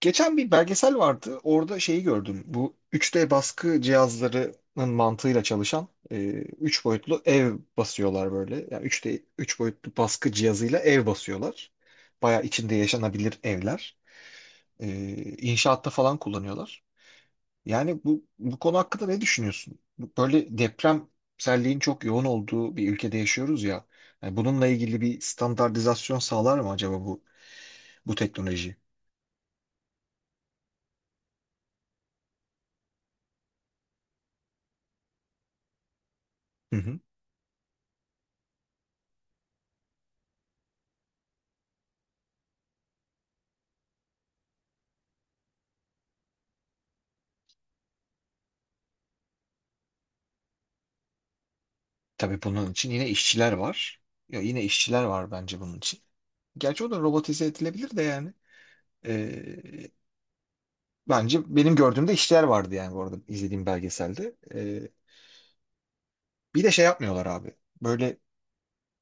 Geçen bir belgesel vardı. Orada şeyi gördüm. Bu 3D baskı cihazlarının mantığıyla çalışan 3 boyutlu ev basıyorlar böyle. Yani 3D 3 boyutlu baskı cihazıyla ev basıyorlar. Baya içinde yaşanabilir evler. E, inşaatta falan kullanıyorlar. Yani bu konu hakkında ne düşünüyorsun? Böyle depremselliğin çok yoğun olduğu bir ülkede yaşıyoruz ya. Yani bununla ilgili bir standartizasyon sağlar mı acaba bu bu teknoloji? Hı hı. Tabii bunun için yine işçiler var. Ya yine işçiler var bence bunun için. Gerçi o da robotize edilebilir de yani. Ee, bence benim gördüğümde işçiler vardı yani bu arada izlediğim belgeselde. Bir de şey yapmıyorlar abi. Böyle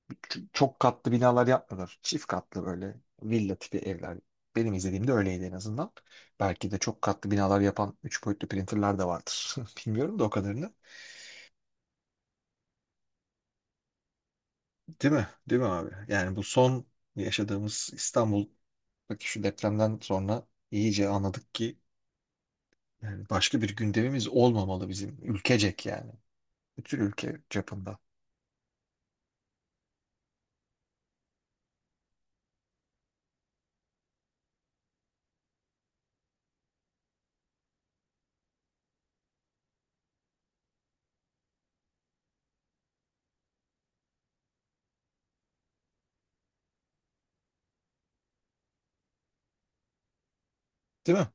çok katlı binalar yapmıyorlar. Çift katlı böyle villa tipi evler. Benim izlediğimde öyleydi en azından. Belki de çok katlı binalar yapan üç boyutlu printerlar da vardır. Bilmiyorum da o kadarını. Değil mi? Değil mi abi? Yani bu son yaşadığımız İstanbul, bak şu depremden sonra iyice anladık ki yani başka bir gündemimiz olmamalı bizim ülkecek yani. Bütün ülke çapında. Değil mi?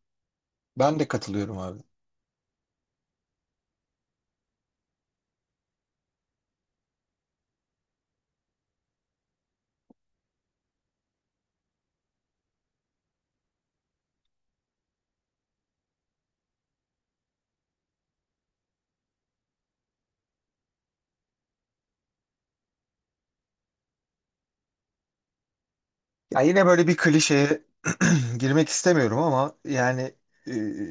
Ben de katılıyorum abi. Ya yine böyle bir klişeye girmek istemiyorum ama yani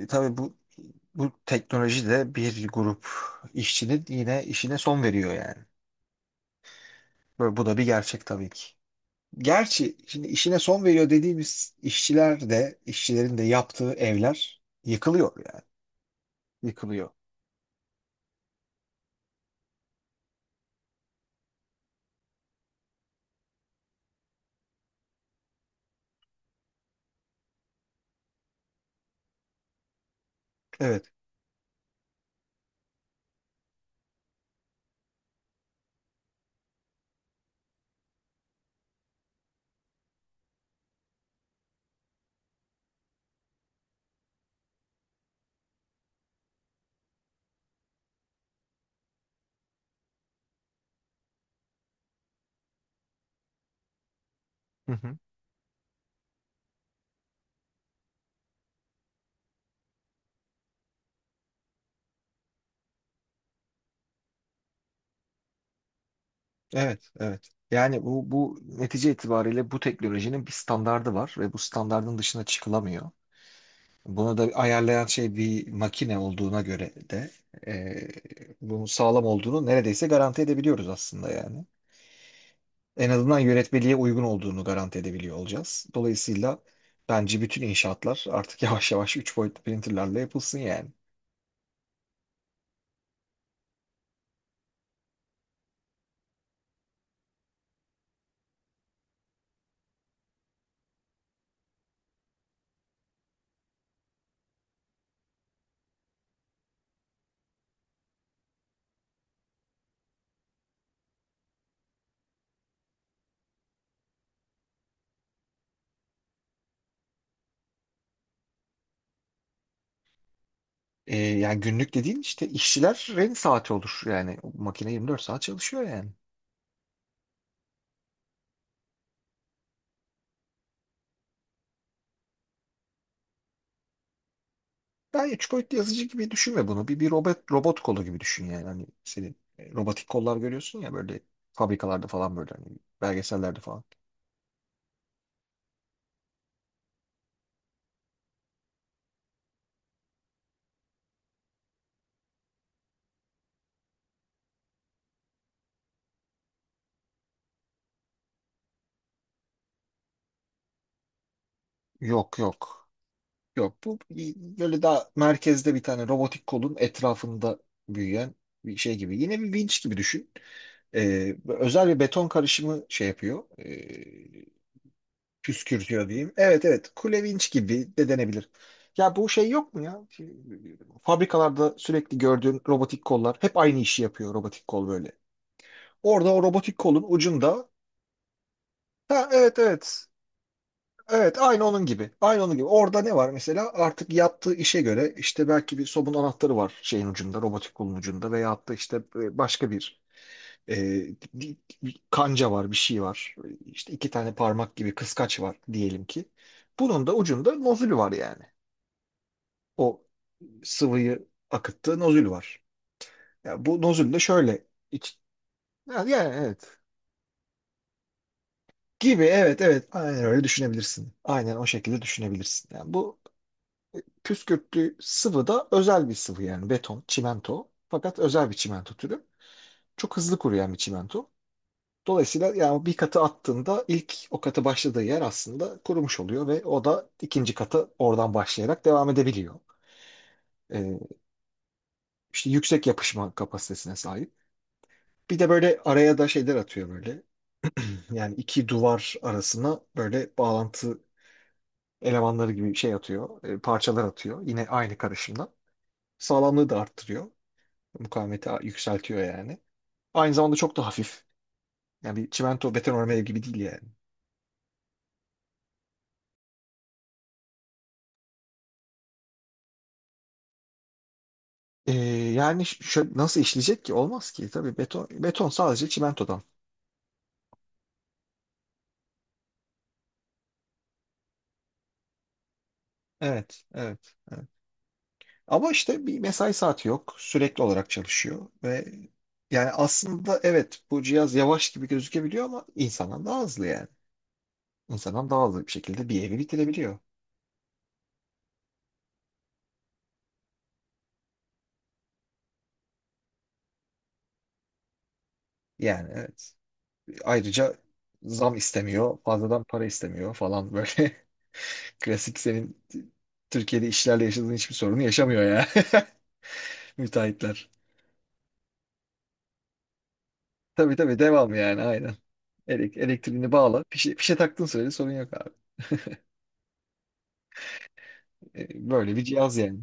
tabii bu teknoloji de bir grup işçinin yine işine son veriyor yani. Böyle, bu da bir gerçek tabii ki. Gerçi şimdi işine son veriyor dediğimiz işçiler de işçilerin de yaptığı evler yıkılıyor yani. Yıkılıyor. Evet. Hı hı. Evet, evet. Yani bu, bu netice itibariyle bu teknolojinin bir standardı var ve bu standardın dışına çıkılamıyor. Bunu da ayarlayan şey bir makine olduğuna göre de bunun sağlam olduğunu neredeyse garanti edebiliyoruz aslında yani. En azından yönetmeliğe uygun olduğunu garanti edebiliyor olacağız. Dolayısıyla bence bütün inşaatlar artık yavaş yavaş 3 boyutlu printerlerle yapılsın yani. Yani günlük dediğin işte işçilerin saati olur. Yani o makine 24 saat çalışıyor yani. Ben üç boyutlu yazıcı gibi düşünme bunu. Bir robot, robot kolu gibi düşün yani. Hani senin robotik kollar görüyorsun ya böyle fabrikalarda falan böyle hani belgesellerde falan. Yok yok. Yok, bu böyle daha merkezde bir tane robotik kolun etrafında büyüyen bir şey gibi. Yine bir vinç gibi düşün. Özel bir beton karışımı şey yapıyor. Püskürtüyor diyeyim. Evet, evet kule vinç gibi de denebilir. Ya bu şey yok mu ya? Şey, fabrikalarda sürekli gördüğün robotik kollar hep aynı işi yapıyor robotik kol böyle. Orada o robotik kolun ucunda, ha evet evet. Evet, aynı onun gibi. Aynı onun gibi. Orada ne var mesela? Artık yaptığı işe göre işte belki bir sobun anahtarı var şeyin ucunda, robotik kolun ucunda veyahut da işte başka bir e, kanca var, bir şey var. İşte iki tane parmak gibi kıskaç var diyelim ki. Bunun da ucunda nozül var yani. O sıvıyı akıttığı nozül var. Ya bu nozül de şöyle yani yani evet. Gibi, evet evet aynen öyle düşünebilirsin. Aynen o şekilde düşünebilirsin. Yani bu püskürtlü sıvı da özel bir sıvı, yani beton, çimento. Fakat özel bir çimento türü. Çok hızlı kuruyan bir çimento. Dolayısıyla yani bir katı attığında ilk o katı başladığı yer aslında kurumuş oluyor ve o da ikinci katı oradan başlayarak devam edebiliyor. Ee, işte yüksek yapışma kapasitesine sahip. Bir de böyle araya da şeyler atıyor böyle. Yani iki duvar arasına böyle bağlantı elemanları gibi şey atıyor, parçalar atıyor. Yine aynı karışımdan. Sağlamlığı da arttırıyor. Mukavemeti yükseltiyor yani. Aynı zamanda çok da hafif. Yani bir çimento beton örme gibi değil yani. Ee, yani şöyle nasıl işleyecek ki? Olmaz ki. Tabii beton, beton sadece çimentodan. Evet, evet, evet. Ama işte bir mesai saati yok. Sürekli olarak çalışıyor ve yani aslında evet bu cihaz yavaş gibi gözükebiliyor ama insandan daha hızlı yani. İnsandan daha hızlı bir şekilde bir evi bitirebiliyor. Yani evet. Ayrıca zam istemiyor, fazladan para istemiyor falan böyle. Klasik senin Türkiye'de işlerle yaşadığın hiçbir sorunu yaşamıyor ya. Müteahhitler. Tabii tabii devam yani aynen. Elektriğini bağla. Fişe taktığın sürece sorun yok abi. Böyle bir cihaz yani.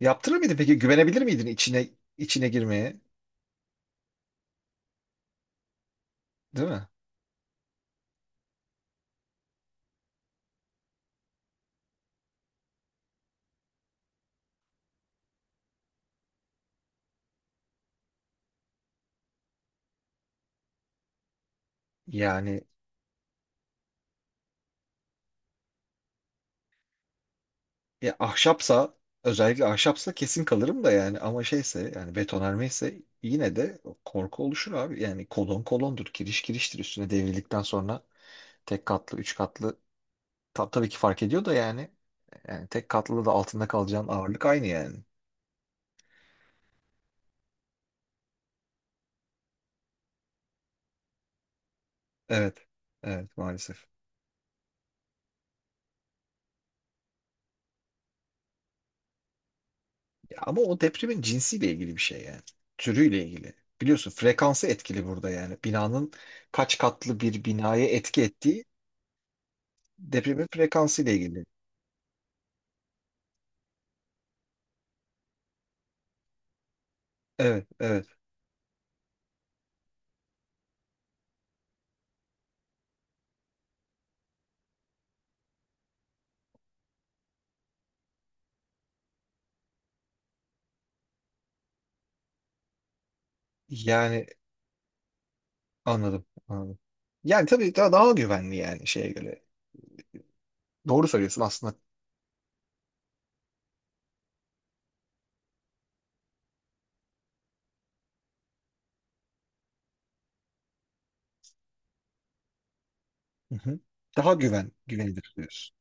Yaptırır mıydın peki? Güvenebilir miydin içine içine girmeye? Değil mi? Yani ya ahşapsa, özellikle ahşapsa kesin kalırım da yani ama şeyse, yani betonarme ise yine de korku oluşur abi. Yani kolon kolondur, kiriş kiriştir üstüne devrildikten sonra. Tek katlı, üç katlı, tabii ki fark ediyor da yani. Yani tek katlı da altında kalacağın ağırlık aynı yani. Evet. Evet maalesef. Ya ama o depremin cinsiyle ilgili bir şey yani. Türüyle ilgili. Biliyorsun frekansı etkili burada yani. Binanın kaç katlı bir binaya etki ettiği depremin frekansıyla ilgili. Evet, evet. Yani anladım, anladım. Yani tabii daha güvenli yani şeye göre. Doğru söylüyorsun aslında. Hı hı. Daha güvenilir diyorsun.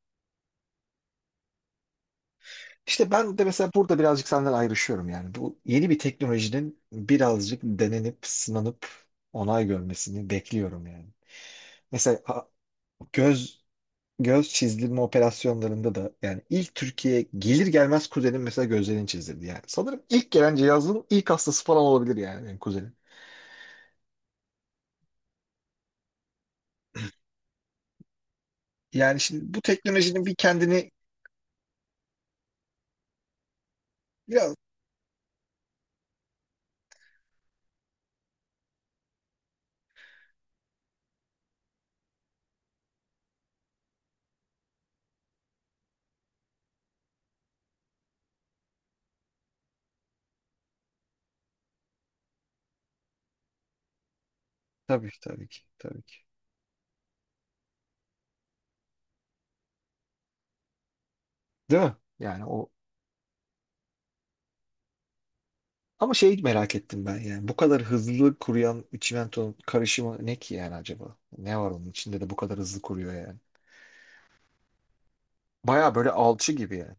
İşte ben de mesela burada birazcık senden ayrışıyorum yani. Bu yeni bir teknolojinin birazcık denenip, sınanıp onay görmesini bekliyorum yani. Mesela göz, göz çizdirme operasyonlarında da yani ilk Türkiye'ye gelir gelmez kuzenim mesela gözlerini çizdirdi yani. Sanırım ilk gelen cihazın ilk hastası falan olabilir yani benim kuzenim. Yani şimdi bu teknolojinin bir kendini, ya tabii tabii ki tabii ki. Değil mi? Yani o ama şeyi merak ettim ben yani. Bu kadar hızlı kuruyan çimentonun karışımı ne ki yani acaba? Ne var onun içinde de bu kadar hızlı kuruyor yani? Baya böyle alçı gibi yani.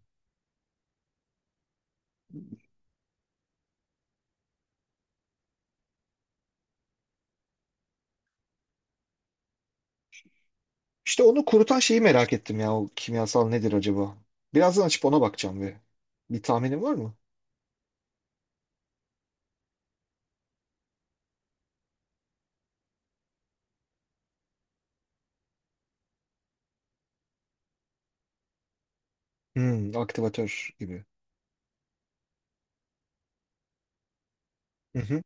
İşte onu kurutan şeyi merak ettim ya. O kimyasal nedir acaba? Birazdan açıp ona bakacağım bir. Bir tahminin var mı? Hmm, aktivatör gibi. Hı hı.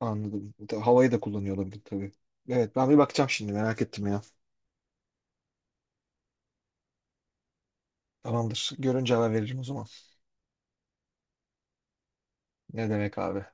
Anladım. Havayı da kullanıyor olabilir tabii. Evet ben bir bakacağım şimdi merak ettim ya. Tamamdır. Görünce haber veririm o zaman. Ne demek abi?